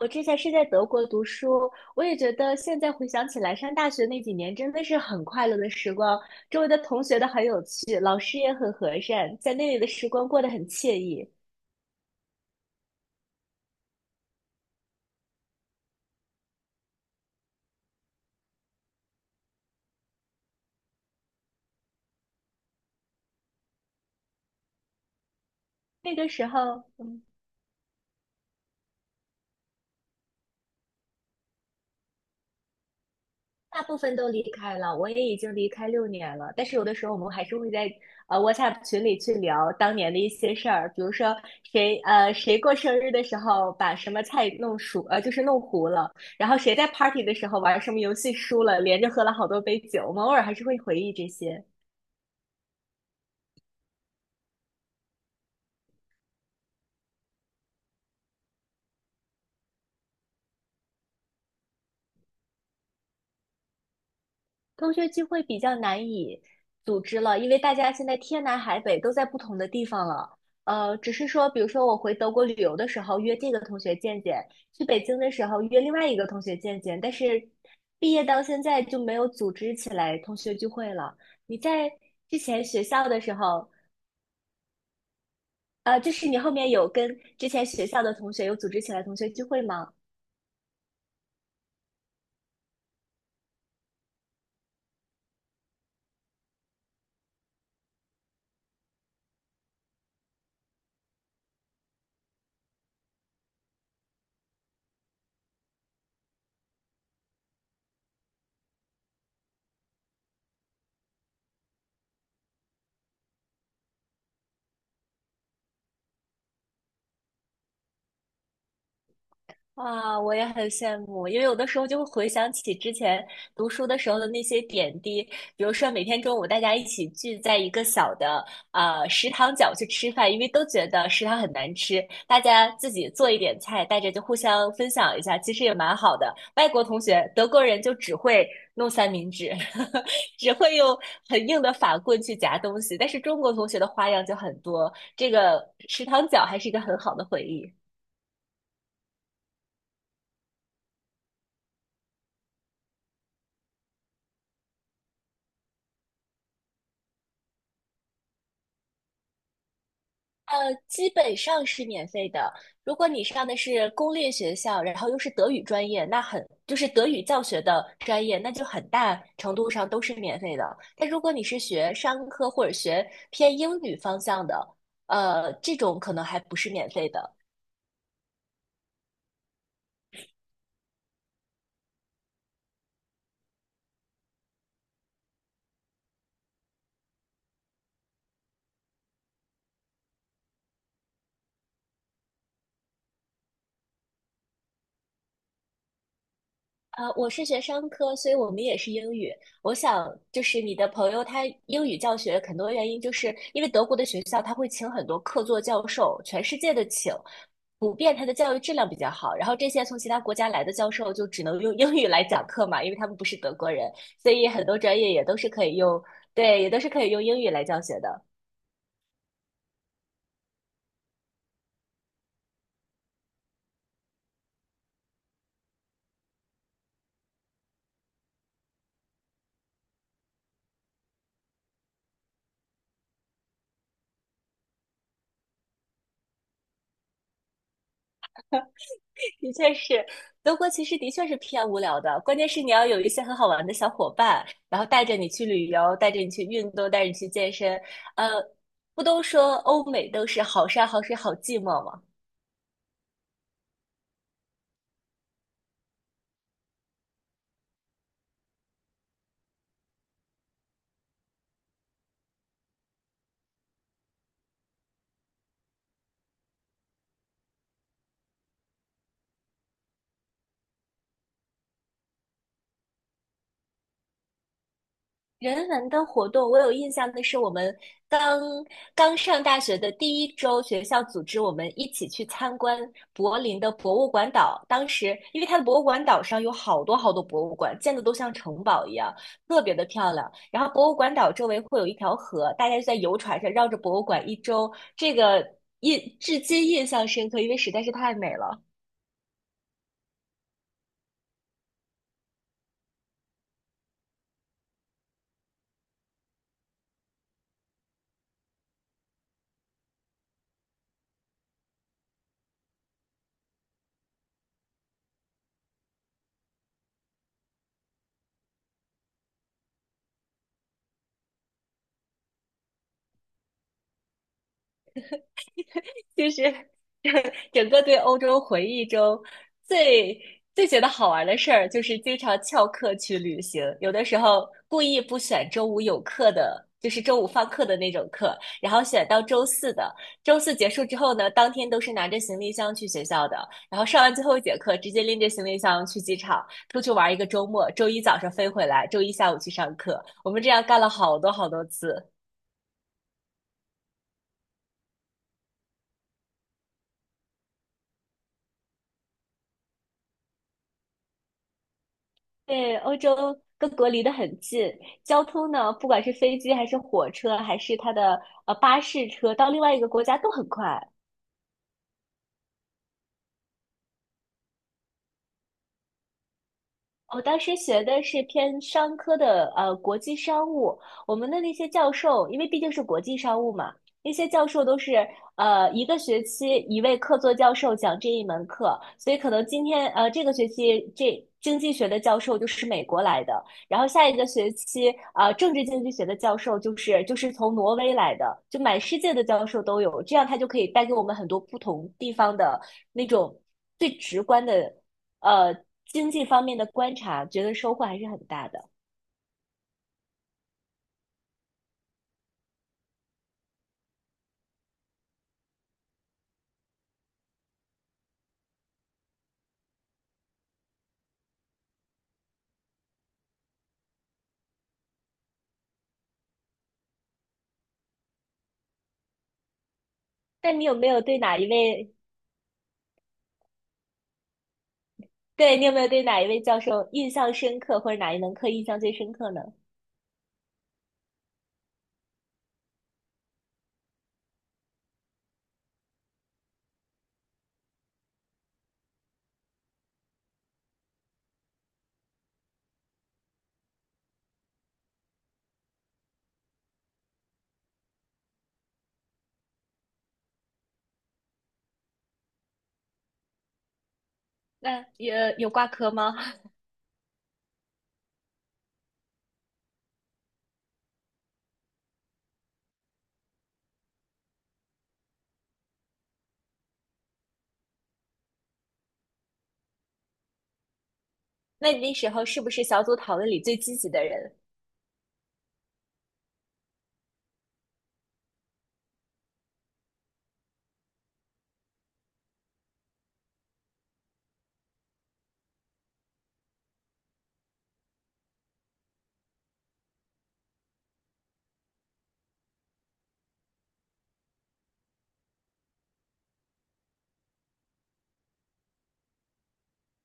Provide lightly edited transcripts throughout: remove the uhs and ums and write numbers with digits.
我之前是在德国读书，我也觉得现在回想起来，上大学那几年真的是很快乐的时光，周围的同学都很有趣，老师也很和善，在那里的时光过得很惬意。那个时候。大部分都离开了，我也已经离开6年了。但是有的时候我们还是会在WhatsApp 群里去聊当年的一些事儿，比如说谁过生日的时候把什么菜弄熟就是弄糊了，然后谁在 party 的时候玩什么游戏输了，连着喝了好多杯酒。我们偶尔还是会回忆这些。同学聚会比较难以组织了，因为大家现在天南海北都在不同的地方了。只是说，比如说我回德国旅游的时候约这个同学见见，去北京的时候约另外一个同学见见，但是毕业到现在就没有组织起来同学聚会了。你在之前学校的时候，就是你后面有跟之前学校的同学有组织起来同学聚会吗？啊，我也很羡慕，因为有的时候就会回想起之前读书的时候的那些点滴，比如说每天中午大家一起聚在一个小的食堂角去吃饭，因为都觉得食堂很难吃，大家自己做一点菜，大家就互相分享一下，其实也蛮好的。外国同学，德国人就只会弄三明治，只会用很硬的法棍去夹东西，但是中国同学的花样就很多，这个食堂角还是一个很好的回忆。基本上是免费的。如果你上的是公立学校，然后又是德语专业，就是德语教学的专业，那就很大程度上都是免费的。但如果你是学商科或者学偏英语方向的，这种可能还不是免费的。我是学商科，所以我们也是英语。我想，就是你的朋友他英语教学很多原因，就是因为德国的学校他会请很多客座教授，全世界的请，普遍他的教育质量比较好。然后这些从其他国家来的教授就只能用英语来讲课嘛，因为他们不是德国人，所以很多专业也都是可以用，对，也都是可以用英语来教学的。的确是，德国其实的确是偏无聊的，关键是你要有一些很好玩的小伙伴，然后带着你去旅游，带着你去运动，带着你去健身。呃，不都说欧美都是好山好水好寂寞吗？人文的活动，我有印象的是，我们刚刚上大学的第一周，学校组织我们一起去参观柏林的博物馆岛。当时，因为它的博物馆岛上有好多好多博物馆，建的都像城堡一样，特别的漂亮。然后，博物馆岛周围会有一条河，大家就在游船上绕着博物馆一周。这个至今印象深刻，因为实在是太美了。就是整个对欧洲回忆中最最觉得好玩的事儿，就是经常翘课去旅行，有的时候故意不选周五有课的。就是周五放课的那种课，然后选到周四的。周四结束之后呢，当天都是拿着行李箱去学校的，然后上完最后一节课，直接拎着行李箱去机场，出去玩一个周末。周一早上飞回来，周一下午去上课。我们这样干了好多好多次。对，欧洲各国离得很近，交通呢，不管是飞机还是火车，还是它的巴士车，到另外一个国家都很快。我当时学的是偏商科的，国际商务。我们的那些教授，因为毕竟是国际商务嘛，那些教授都是一个学期一位客座教授讲这一门课，所以可能这个学期这经济学的教授就是美国来的，然后下一个学期啊，政治经济学的教授就是从挪威来的，就满世界的教授都有，这样他就可以带给我们很多不同地方的那种最直观的。呃经济方面的观察，觉得收获还是很大的。但你有没有对哪一位，对，你有没有对哪一位教授印象深刻，或者哪一门课印象最深刻呢？那有挂科吗？那你那时候是不是小组讨论里最积极的人？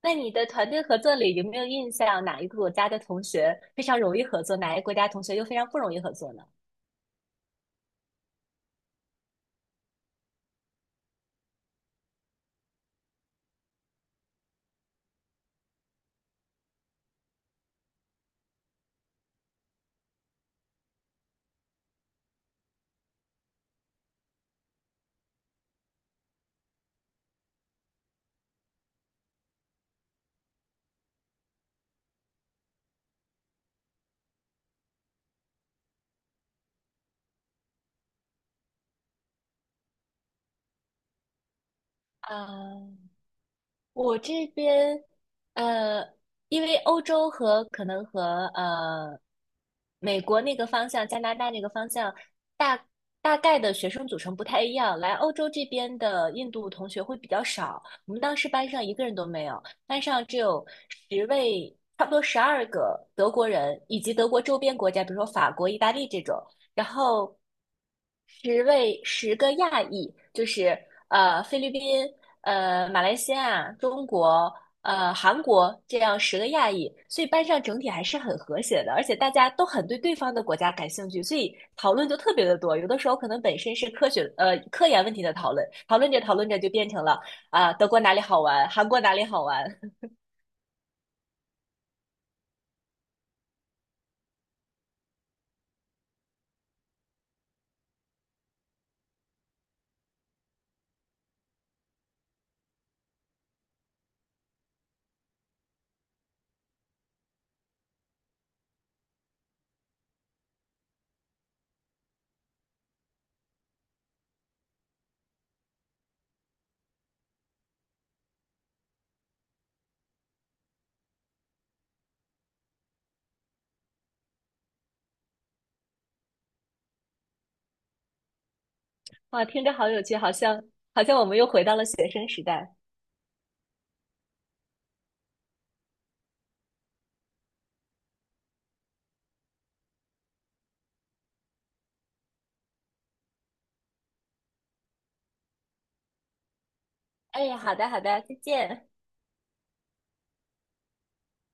那你的团队合作里有没有印象哪一个国家的同学非常容易合作，哪一个国家同学又非常不容易合作呢？啊、我这边，呃，因为欧洲和可能和呃美国那个方向、加拿大那个方向，大大概的学生组成不太一样。来欧洲这边的印度同学会比较少，我们当时班上一个人都没有，班上只有十位，差不多12个德国人，以及德国周边国家，比如说法国、意大利这种。然后十位十个亚裔，就是菲律宾、马来西亚、中国、韩国这样十个亚裔，所以班上整体还是很和谐的，而且大家都很对对方的国家感兴趣，所以讨论就特别的多。有的时候可能本身是科研问题的讨论，讨论着讨论着就变成了啊、德国哪里好玩，韩国哪里好玩，哇，听着好有趣，好像我们又回到了学生时代。哎，好的好的，再见。